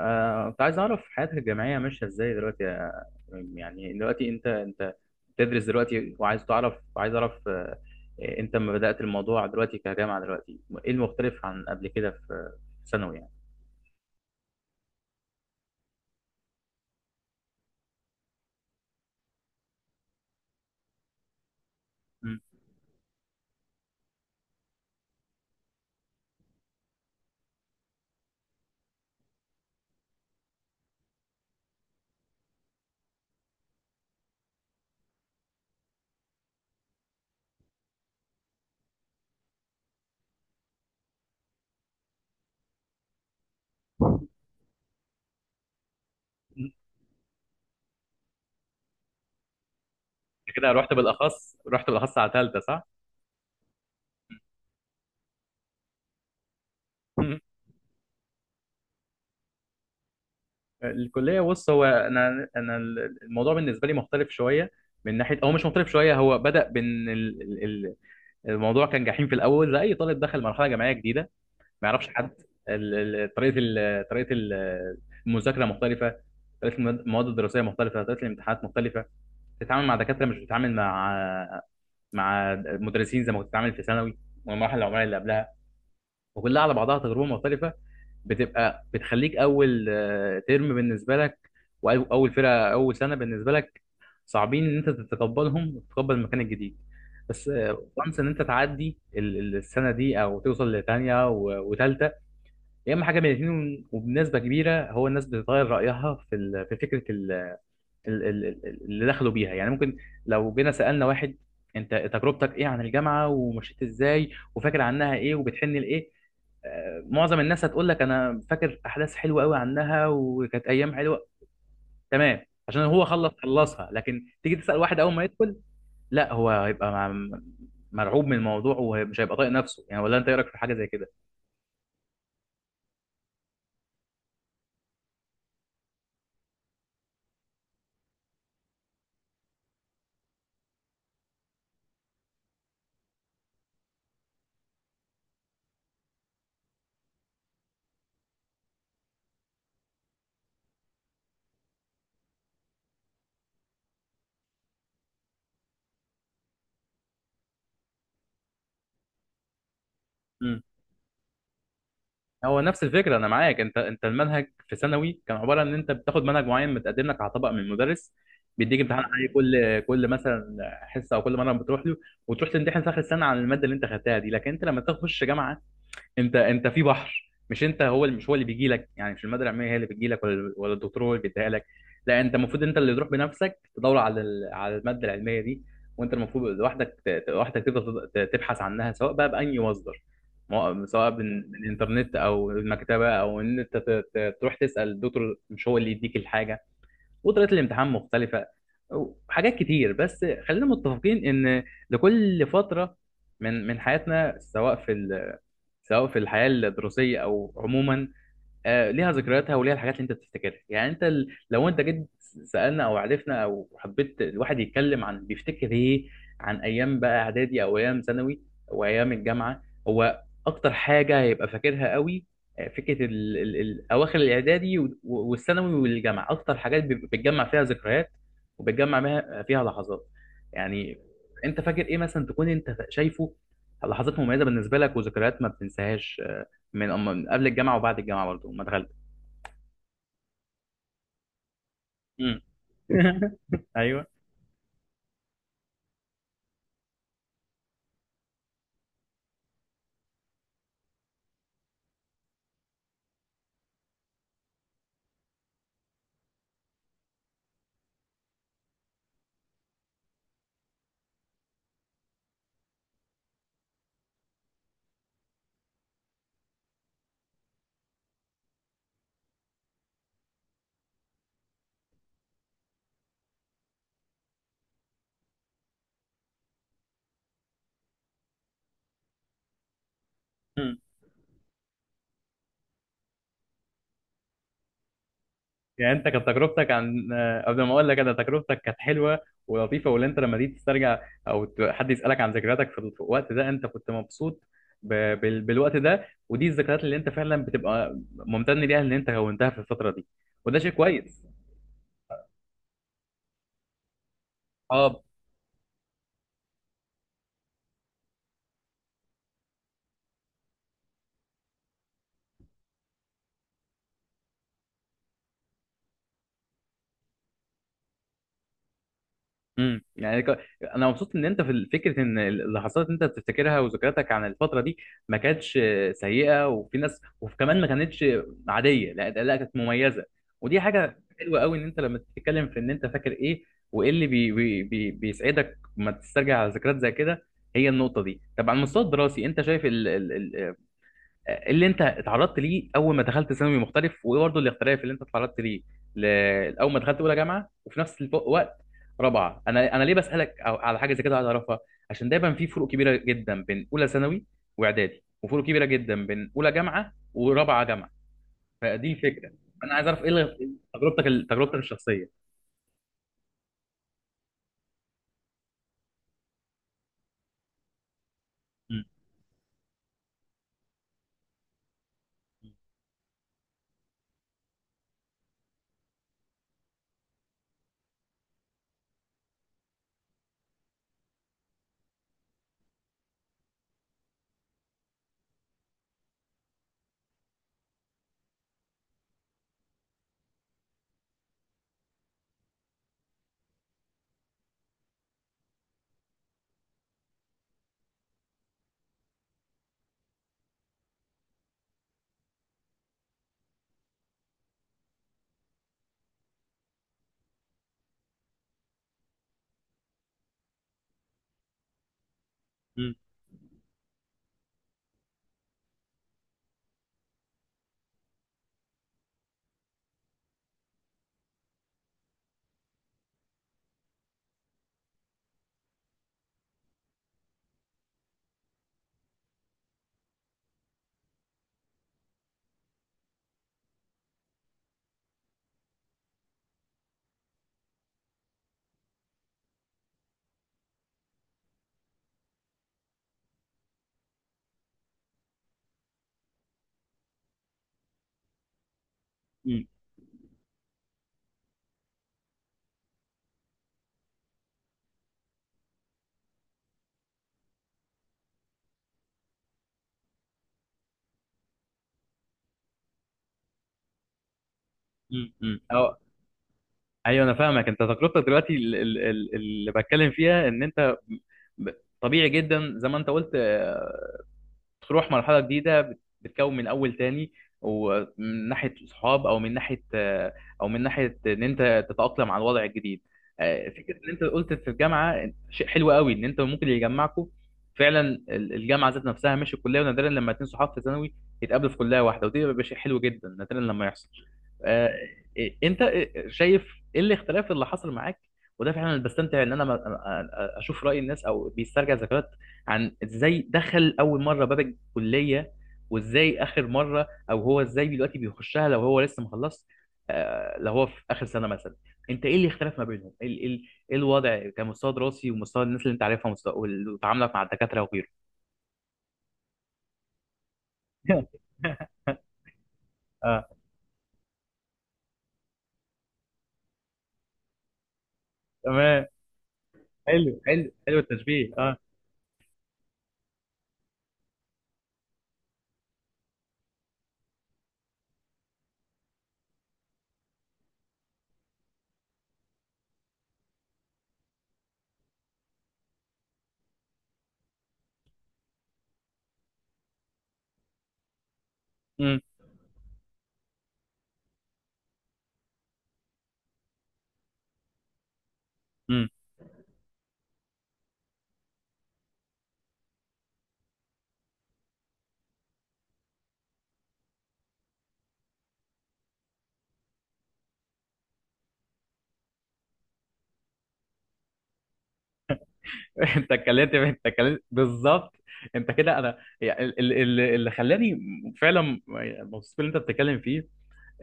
كنت عايز أعرف حياتك الجامعية ماشية إزاي دلوقتي يا إبراهيم؟ يعني دلوقتي أنت بتدرس دلوقتي وعايز تعرف عايز أعرف أنت لما بدأت الموضوع دلوقتي كجامعة دلوقتي إيه المختلف عن قبل كده في ثانوي يعني؟ مم. أنت كده رحت بالأخص على تالتة صح؟ مم. الكلية بص هو أنا الموضوع بالنسبة لي مختلف شوية، من ناحية هو مش مختلف شوية. هو بدأ بإن الموضوع كان جحيم في الأول زي أي طالب دخل مرحلة جامعية جديدة ما يعرفش حد. ال- ال- طريقه ال- طريقه ال- المذاكره مختلفه، طريقه المواد الدراسيه مختلفه، طريقه الامتحانات مختلفه، تتعامل مع دكاتره مش بتتعامل مع مدرسين زي ما كنت بتتعامل في ثانوي والمراحل العمريه اللي قبلها، وكلها على بعضها تجربه مختلفه بتبقى بتخليك اول ترم بالنسبه لك، واول فرقه اول سنه بالنسبه لك صعبين ان انت تتقبلهم وتتقبل المكان الجديد بس وانس ان انت تعدي السنه دي او توصل لثانيه وثالثه، يا اما حاجه من الاثنين. وبنسبه كبيره هو الناس بتغير رايها في في فكره اللي دخلوا بيها. يعني ممكن لو جينا سالنا واحد انت تجربتك ايه عن الجامعه ومشيت ازاي وفاكر عنها ايه وبتحن لايه، معظم الناس هتقول لك انا فاكر احداث حلوه قوي عنها وكانت ايام حلوه تمام، عشان هو خلص خلصها. لكن تيجي تسال واحد اول ما يدخل، لا هو هيبقى مرعوب من الموضوع ومش هيبقى طايق نفسه يعني. ولا انت ايه رايك في حاجه زي كده؟ هو نفس الفكره، انا معاك. انت المنهج في ثانوي كان عباره ان انت بتاخد منهج معين متقدم لك على طبق من المدرس، بيديك امتحان عليه كل مثلا حصه او كل مره بتروح له، وتروح تمتحن في اخر السنه عن الماده اللي انت خدتها دي. لكن انت لما تخش جامعه انت في بحر، مش انت هو اللي مش هو اللي بيجي لك، يعني مش الماده العلميه هي اللي بتجي لك ولا الدكتور هو اللي بيديها لك. لا، انت المفروض انت اللي تروح بنفسك تدور على على الماده العلميه دي، وانت المفروض لوحدك لوحدك تفضل تبحث عنها، سواء بقى بأي مصدر، سواء من من الانترنت او المكتبه، او ان انت تروح تسأل الدكتور. مش هو اللي يديك الحاجه. وطريقه الامتحان مختلفه وحاجات كتير. بس خلينا متفقين ان لكل فتره من حياتنا، سواء في سواء في الحياه الدراسيه او عموما، ليها ذكرياتها وليها الحاجات اللي انت بتفتكرها. يعني انت لو انت جيت سألنا او عرفنا او حبيت الواحد يتكلم عن بيفتكر ايه عن ايام بقى اعدادي او ايام ثانوي او ايام الجامعه، هو اكتر حاجه هيبقى فاكرها قوي فكره ال ال ال اواخر الاعدادي والثانوي والجامعه. اكتر حاجات بتجمع فيها ذكريات وبتجمع فيها لحظات يعني. انت فاكر ايه مثلا تكون انت شايفه لحظات مميزه بالنسبه لك وذكريات ما بتنساهاش من من قبل الجامعه، وبعد الجامعه برضه ما دخلت؟ امم. ايوه. امم، يعني انت كانت تجربتك عن آه، قبل ما اقول لك انا تجربتك كانت حلوه ولطيفه واللي انت لما تيجي تسترجع او ت- حد يسالك عن ذكرياتك في ال- في الوقت ده انت كنت مبسوط ب... بال... بالوقت ده ودي الذكريات اللي انت فعلا بتبقى ممتن ليها اللي انت كونتها في الفتره دي وده شيء كويس اه يعني انا مبسوط ان انت في فكره ان اللي حصلت انت بتفتكرها وذكرياتك عن الفتره دي ما كانتش سيئه. وفي ناس وكمان ما كانتش عاديه، لا كانت مميزه. ودي حاجه حلوه قوي ان انت لما تتكلم في ان انت فاكر ايه وايه اللي بي بي بي بيسعدك لما تسترجع على ذكريات زي كده. هي النقطه دي. طب على المستوى الدراسي انت شايف اللي انت اتعرضت ليه اول ما دخلت ثانوي مختلف؟ وايه برضه الاختلاف اللي انت اتعرضت ليه اول ما دخلت اولى جامعه وفي نفس الوقت رابعه؟ انا ليه بسالك على حاجه زي كده عايز اعرفها، عشان دايما في فروق كبيره جدا بين اولى ثانوي واعدادي، وفروق كبيره جدا بين اولى جامعه ورابعه جامعه. فدي الفكره. انا عايز اعرف ايه تجربتك تجربتك الشخصيه. م- م- م- م- م- م. أو ايوه، انا فاهمك. انت تجربتك دلوقتي اللي بتكلم فيها ان انت ب- طبيعي جدا زي ما انت قلت. بتروح مرحلة جديدة، بتكون من أول تاني ومن ناحية صحاب أو من ناحية أو من ناحية إن أنت تتأقلم على الوضع الجديد. فكرة إن أنت قلت في الجامعة شيء حلو قوي، إن أنت ممكن اللي يجمعكم فعلا الجامعة ذات نفسها مش الكلية. ونادرا لما اتنين صحاب في ثانوي يتقابلوا في كلية واحدة، ودي بيبقى شيء حلو جدا نادرا لما يحصل. آه، أنت شايف إيه الاختلاف اللي حصل معاك؟ وده فعلا اللي بستمتع ان انا اشوف راي الناس او بيسترجع ذكريات عن ازاي دخل اول مره باب كلية، وازاي اخر مرة او هو ازاي دلوقتي بيخشها لو هو لسه مخلص، لو هو في اخر سنة مثلا. انت ايه اللي اختلف ما بينهم؟ ايه إيه- إيه الوضع كمستوى دراسي ومستوى الناس اللي انت عارفها ومستوى وتعاملك مع الدكاترة وغيره؟ اه، تمام. حلو حلو حلو التشبيه، اه. امم. امم. انت اتكلمت بالظبط. انت كده انا يعني اللي خلاني فعلا الموضوع اللي انت بتتكلم فيه،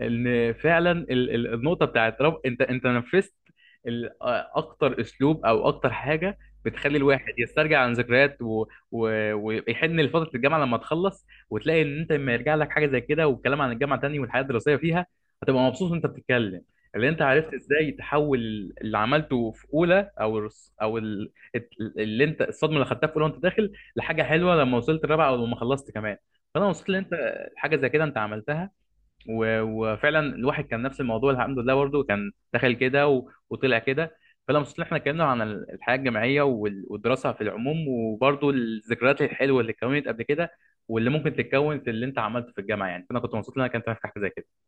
ان فعلا النقطه بتاعت رب انت نفذت ال- اكتر اسلوب او اكتر حاجه بتخلي الواحد يسترجع عن ذكريات، و... و... ويحن لفتره الجامعه لما تخلص وتلاقي ان انت لما يرجع لك حاجه زي كده والكلام عن الجامعه تاني والحياه الدراسيه فيها هتبقى مبسوط وانت بتتكلم. اللي انت عرفت ازاي تحول اللي عملته في اولى او اللي انت الصدمه اللي خدتها في اولى وانت داخل لحاجه حلوه لما وصلت الرابعه او لما خلصت كمان. فانا مبسوط ان انت حاجه زي كده انت عملتها، وفعلا الواحد كان نفس الموضوع، الحمد لله برضه كان دخل كده وطلع كده. فلما مبسوط إن احنا اتكلمنا عن الحياه الجامعيه والدراسه في العموم، وبرضه الذكريات الحلوه اللي اتكونت قبل كده واللي ممكن تتكون في اللي انت عملته في الجامعه يعني. فانا كنت مبسوط ان انا كنت في حاجه زي كده.